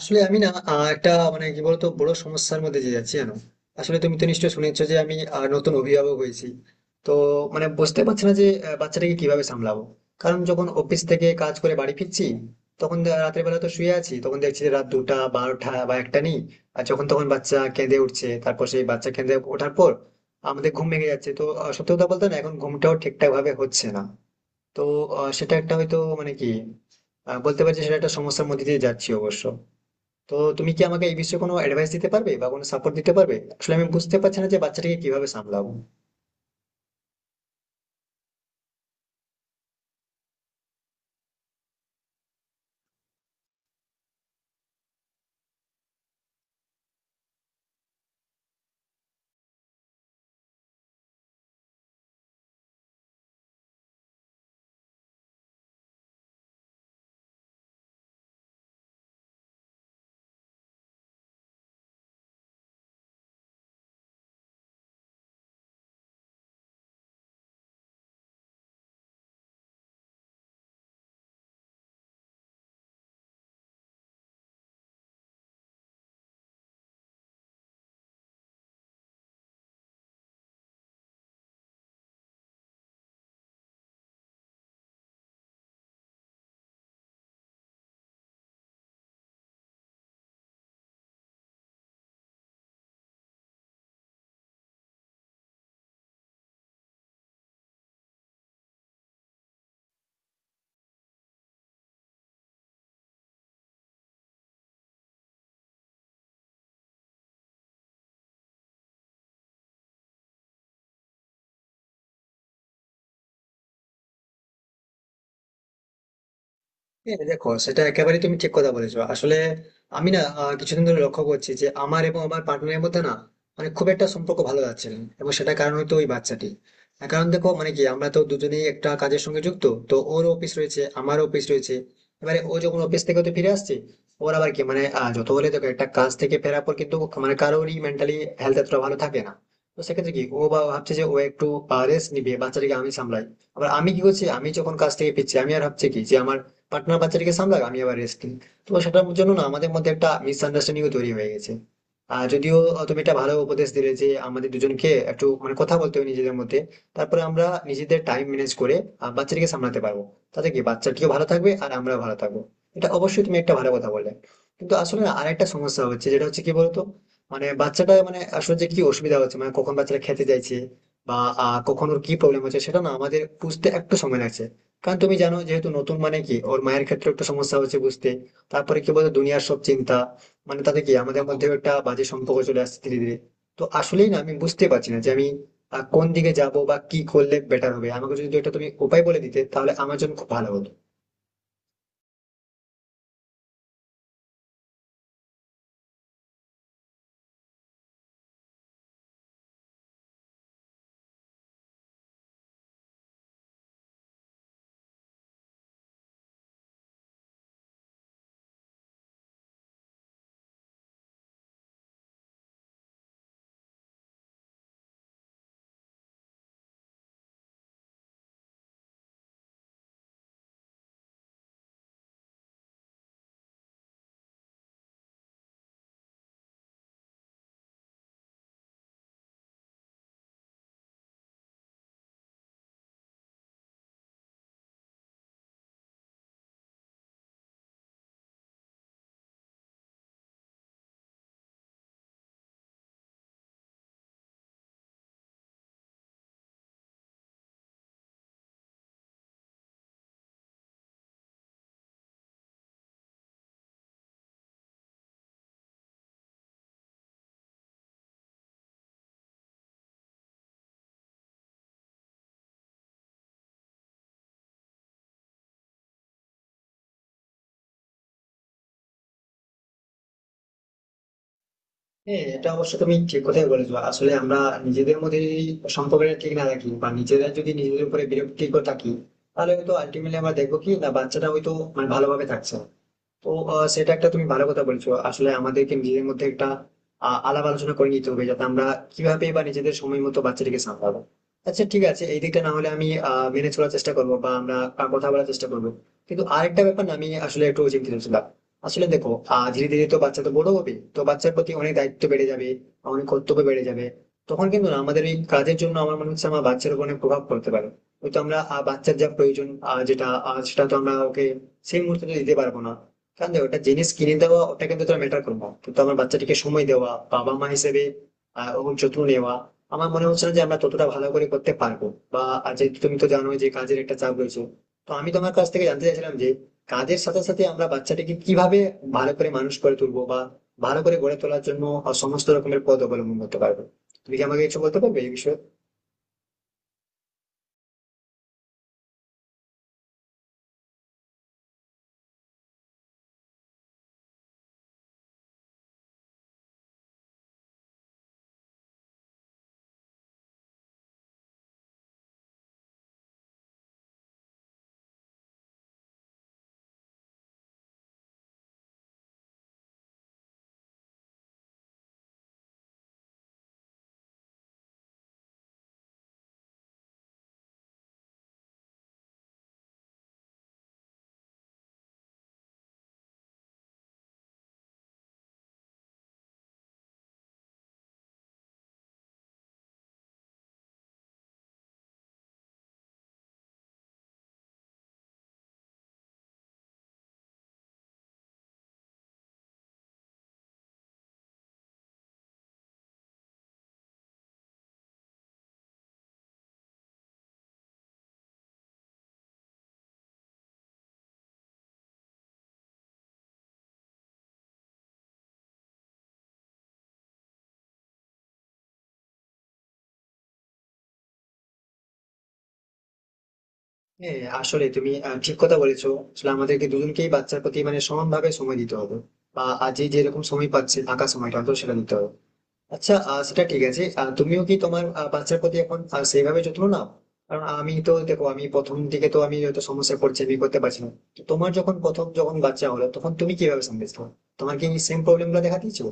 আসলে আমি না একটা মানে কি বলতো বড় সমস্যার মধ্যে দিয়ে যাচ্ছি জানো। আসলে তুমি তো নিশ্চয়ই শুনেছো যে আমি নতুন অভিভাবক হয়েছি। তো মানে বুঝতে পারছি না যে বাচ্চাটাকে কিভাবে সামলাবো। কারণ যখন অফিস থেকে কাজ করে বাড়ি ফিরছি, তখন রাতের বেলা তো শুয়ে আছি, তখন দেখছি যে রাত দুটা বারোটা বা একটা নেই। আর যখন তখন বাচ্চা কেঁদে উঠছে, তারপর সেই বাচ্চা কেঁদে ওঠার পর আমাদের ঘুম ভেঙে যাচ্ছে। তো সত্যি কথা বলতে না, এখন ঘুমটাও ঠিকঠাক ভাবে হচ্ছে না। তো সেটা একটা হয়তো মানে কি বলতে পারছি সেটা একটা সমস্যার মধ্যে দিয়ে যাচ্ছি অবশ্য। তো তুমি কি আমাকে এই বিষয়ে কোনো অ্যাডভাইস দিতে পারবে বা কোনো সাপোর্ট দিতে পারবে? আসলে আমি বুঝতে পারছি না যে বাচ্চাটাকে কিভাবে সামলাবো। হ্যাঁ দেখো, সেটা একেবারেই তুমি ঠিক কথা বলেছো। আসলে আমি না কিছুদিন ধরে লক্ষ্য করছি যে আমার এবং আমার পার্টনারের মধ্যে না মানে খুব একটা সম্পর্ক ভালো যাচ্ছে না, এবং সেটার কারণ হয়তো ওই বাচ্চাটি। তার কারণ দেখো মানে কি আমরা তো দুজনেই একটা কাজের সঙ্গে যুক্ত। তো ওর অফিস রয়েছে, আমারও অফিস রয়েছে। এবারে ও যখন অফিস থেকে তো ফিরে আসছে, ওর আবার কি মানে যত হলে দেখো একটা কাজ থেকে ফেরার পর কিন্তু মানে কারোরই মেন্টালি হেলথ এতটা ভালো থাকে না। তো সেক্ষেত্রে কি ও বা ভাবছে যে ও একটু রেস্ট নিবে, বাচ্চাটিকে আমি সামলাই। আবার আমি কি করছি, আমি যখন কাজ থেকে ফিরছি আমি আর ভাবছি কি যে আমার পার্টনার বাচ্চাটাকে সামলাক, আমি আবার রেস্ট নিই। তো সেটার জন্য না আমাদের মধ্যে একটা মিসআন্ডারস্ট্যান্ডিংও তৈরি হয়ে গেছে। আর যদিও তুমি একটা ভালো উপদেশ দিলে যে আমাদের দুজনকে একটু মানে কথা বলতে হবে নিজেদের মধ্যে, তারপরে আমরা নিজেদের টাইম ম্যানেজ করে বাচ্চাটিকে সামলাতে পারবো। তাতে কি বাচ্চাটিও ভালো থাকবে আর আমরাও ভালো থাকবো। এটা অবশ্যই তুমি একটা ভালো কথা বললে। কিন্তু আসলে না আরেকটা সমস্যা হচ্ছে, যেটা হচ্ছে কি বলতো মানে বাচ্চাটা মানে আসলে যে কি অসুবিধা হচ্ছে, মানে কখন বাচ্চাটা খেতে চাইছে বা কখন ওর কি প্রবলেম হচ্ছে সেটা না আমাদের বুঝতে একটু সময় লাগছে। কারণ তুমি জানো, যেহেতু নতুন মানে কি ওর মায়ের ক্ষেত্রে একটা সমস্যা হচ্ছে বুঝতে। তারপরে কি বলতো দুনিয়ার সব চিন্তা মানে তাতে কি আমাদের মধ্যেও একটা বাজে সম্পর্ক চলে আসছে ধীরে ধীরে। তো আসলেই না আমি বুঝতে পারছি না যে আমি কোন দিকে যাব বা কি করলে বেটার হবে। আমাকে যদি এটা তুমি উপায় বলে দিতে, তাহলে আমার জন্য খুব ভালো হতো। হ্যাঁ এটা অবশ্য তুমি ঠিক কথাই বলেছো। আসলে আমরা নিজেদের মধ্যে যদি সম্পর্কটা ঠিক না রাখি বা নিজেরা যদি নিজেদের উপরে বিরক্তিকর থাকি, তাহলে হয়তো আলটিমেটলি আমরা দেখবো কি না বাচ্চাটা হয়তো মানে ভালোভাবে থাকছে না। তো সেটা একটা তুমি ভালো কথা বলছো। আসলে আমাদেরকে নিজেদের মধ্যে একটা আলাপ আলোচনা করে নিতে হবে, যাতে আমরা কিভাবে বা নিজেদের সময় মতো বাচ্চাটিকে সামলাবো। আচ্ছা ঠিক আছে, এই দিকটা না হলে আমি মেনে চলার চেষ্টা করবো বা আমরা কথা বলার চেষ্টা করবো। কিন্তু আরেকটা ব্যাপার না, আমি আসলে একটু চিন্তিত ছিলাম। আসলে দেখো ধীরে ধীরে তো বাচ্চা তো বড় হবে, তো বাচ্চার প্রতি অনেক দায়িত্ব বেড়ে যাবে, অনেক কর্তব্য বেড়ে যাবে। তখন কিন্তু না আমাদের এই কাজের জন্য আমার মনে হচ্ছে আমার বাচ্চার উপর অনেক প্রভাব পড়তে পারে। হয়তো আমরা বাচ্চার যা প্রয়োজন যেটা সেটা তো আমরা ওকে সেই মুহূর্তে তো দিতে পারবো না। কারণ দেখ, ওটা জিনিস কিনে দেওয়া ওটা কিন্তু তোর ম্যাটার করবো, কিন্তু আমার বাচ্চাটিকে সময় দেওয়া, বাবা মা হিসেবে ওর যত্ন নেওয়া, আমার মনে হচ্ছে না যে আমরা ততটা ভালো করে করতে পারবো। বা আর যেহেতু তুমি তো জানো যে কাজের একটা চাপ রয়েছে। তো আমি তোমার কাছ থেকে জানতে চাইছিলাম যে কাজের সাথে সাথে আমরা বাচ্চাটিকে কিভাবে ভালো করে মানুষ করে তুলবো বা ভালো করে গড়ে তোলার জন্য সমস্ত রকমের পদ অবলম্বন করতে পারবো। তুমি কি আমাকে কিছু বলতে পারবে এই বিষয়ে? হ্যাঁ আসলে তুমি ঠিক কথা বলেছো। আসলে আমাদেরকে দুজনকেই বাচ্চার প্রতি মানে সমানভাবে সময় দিতে হবে। বা আজ যেরকম সময় পাচ্ছে, ফাঁকা সময়টা তো সেটা দিতে হবে। আচ্ছা সেটা ঠিক আছে, তুমিও কি তোমার বাচ্চার প্রতি এখন সেইভাবে যত্ন নাও? কারণ আমি তো দেখো আমি প্রথম দিকে তো আমি হয়তো সমস্যায় পড়ছি, আমি করতে পারছি না। তো তোমার যখন প্রথম যখন বাচ্চা হলো তখন তুমি কিভাবে সামলেছো? তোমার কি সেম প্রবলেম গুলো দেখা দিয়েছো?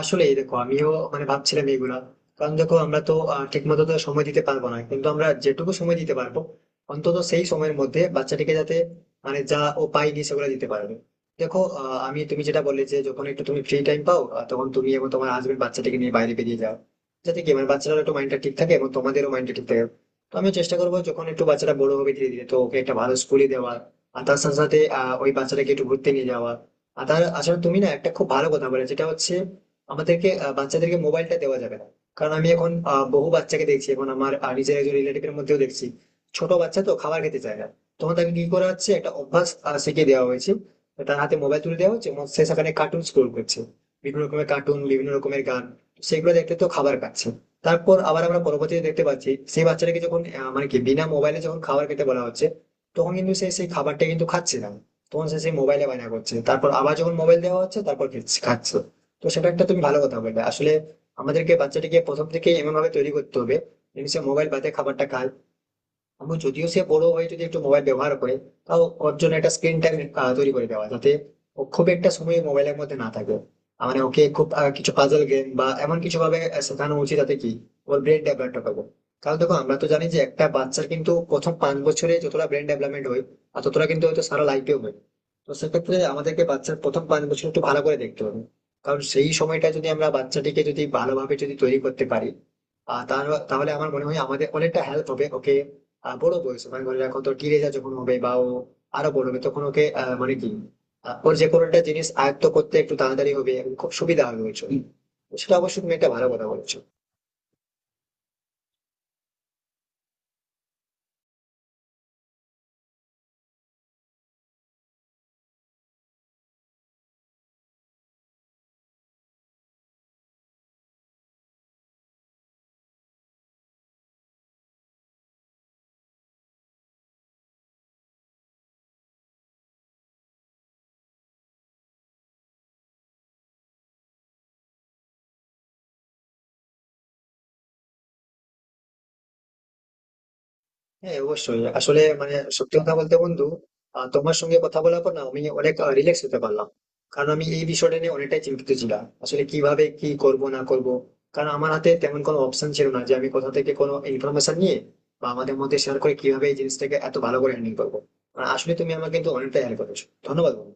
আসলেই দেখো আমিও মানে ভাবছিলাম এগুলা। কারণ দেখো আমরা তো ঠিক মতো তো সময় দিতে পারবো না, কিন্তু আমরা যেটুকু সময় দিতে পারবো অন্তত সেই সময়ের মধ্যে বাচ্চাটিকে যাতে মানে যা ও পায়নি সেগুলো দিতে পারবে। দেখো আমি তুমি যেটা বললে যে যখন একটু তুমি ফ্রি টাইম পাও তখন তুমি এবং তোমার হাজবেন্ড বাচ্চাটিকে নিয়ে বাইরে বেরিয়ে যাও, যাতে কি মানে বাচ্চাটার একটু মাইন্ডটা ঠিক থাকে এবং তোমাদেরও মাইন্ডটা ঠিক থাকে। তো আমি চেষ্টা করবো যখন একটু বাচ্চাটা বড় হবে ধীরে ধীরে তো ওকে একটা ভালো স্কুলে দেওয়া, আর তার সাথে সাথে ওই বাচ্চাটাকে একটু ঘুরতে নিয়ে যাওয়া। আর তার আসলে তুমি না একটা খুব ভালো কথা বলে, যেটা হচ্ছে আমাদেরকে বাচ্চাদেরকে মোবাইলটা দেওয়া যাবে না। কারণ আমি এখন বহু বাচ্চাকে দেখছি, এখন আমার নিজের একজন রিলেটিভের মধ্যেও দেখছি। ছোট বাচ্চা তো খাবার খেতে চায় না, তখন তাকে কি করা হচ্ছে, একটা অভ্যাস শিখিয়ে দেওয়া হয়েছে। তার হাতে মোবাইল তুলে দেওয়া হচ্ছে এবং সে সেখানে কার্টুন স্ক্রোল করছে, বিভিন্ন রকমের কার্টুন বিভিন্ন রকমের গান। সেগুলো দেখতে তো খাবার খাচ্ছে। তারপর আবার আমরা পরবর্তীতে দেখতে পাচ্ছি, সেই বাচ্চাটাকে যখন মানে কি বিনা মোবাইলে যখন খাবার খেতে বলা হচ্ছে, তখন কিন্তু সে সেই খাবারটা কিন্তু খাচ্ছে না। তখন সে সেই মোবাইলে বায়না করছে, তারপর আবার যখন মোবাইল দেওয়া হচ্ছে তারপর খাচ্ছে। তো সেটা একটা তুমি ভালো কথা বললে। আসলে আমাদেরকে বাচ্চাটিকে প্রথম থেকে এমন ভাবে তৈরি করতে হবে যেন সে মোবাইল বাদে খাবারটা খায়। আমি যদিও সে বড় হয়ে যদি একটু মোবাইল ব্যবহার করে, তাও ওর জন্য একটা স্ক্রিন টাইম তৈরি করে দেওয়া, যাতে ও খুব একটা সময় মোবাইলের মধ্যে না থাকে। মানে ওকে খুব কিছু পাজল গেম বা এমন কিছু ভাবে শেখানো উচিত যাতে কি ওর ব্রেন ডেভেলপমেন্ট হবে। কারণ দেখো, আমরা তো জানি যে একটা বাচ্চার কিন্তু প্রথম 5 বছরে যতটা ব্রেন ডেভেলপমেন্ট হয়, আর ততটা কিন্তু হয়তো সারা লাইফেও হয়। তো সেক্ষেত্রে আমাদেরকে বাচ্চার প্রথম 5 বছর একটু ভালো করে দেখতে হবে। কারণ সেই সময়টা যদি আমরা বাচ্চাটিকে যদি ভালোভাবে যদি তৈরি করতে পারি, আর তাহলে আমার মনে হয় আমাদের অনেকটা হেল্প হবে ওকে বড় বয়স মানে ধরে রাখো তো টিনেজার যখন হবে বা ও আরো বড় হবে, তখন ওকে মানে কি ওর যে কোনো একটা জিনিস আয়ত্ত করতে একটু তাড়াতাড়ি হবে এবং খুব সুবিধা হবে ওর জন্য। তো সেটা অবশ্যই তুমি একটা ভালো কথা বলেছো। হ্যাঁ অবশ্যই। আসলে মানে সত্যি কথা বলতে বন্ধু, তোমার সঙ্গে কথা বলার পর না আমি অনেক রিল্যাক্স হতে পারলাম। কারণ আমি এই বিষয়টা নিয়ে অনেকটাই চিন্তিত ছিলাম, আসলে কিভাবে কি করব না করব। কারণ আমার হাতে তেমন কোনো অপশন ছিল না যে আমি কোথা থেকে কোনো ইনফরমেশন নিয়ে বা আমাদের মধ্যে শেয়ার করে কিভাবে এই জিনিসটাকে এত ভালো করে হ্যান্ডেল করবো। আর আসলে তুমি আমাকে কিন্তু অনেকটা হেল্প করেছো। ধন্যবাদ বন্ধু।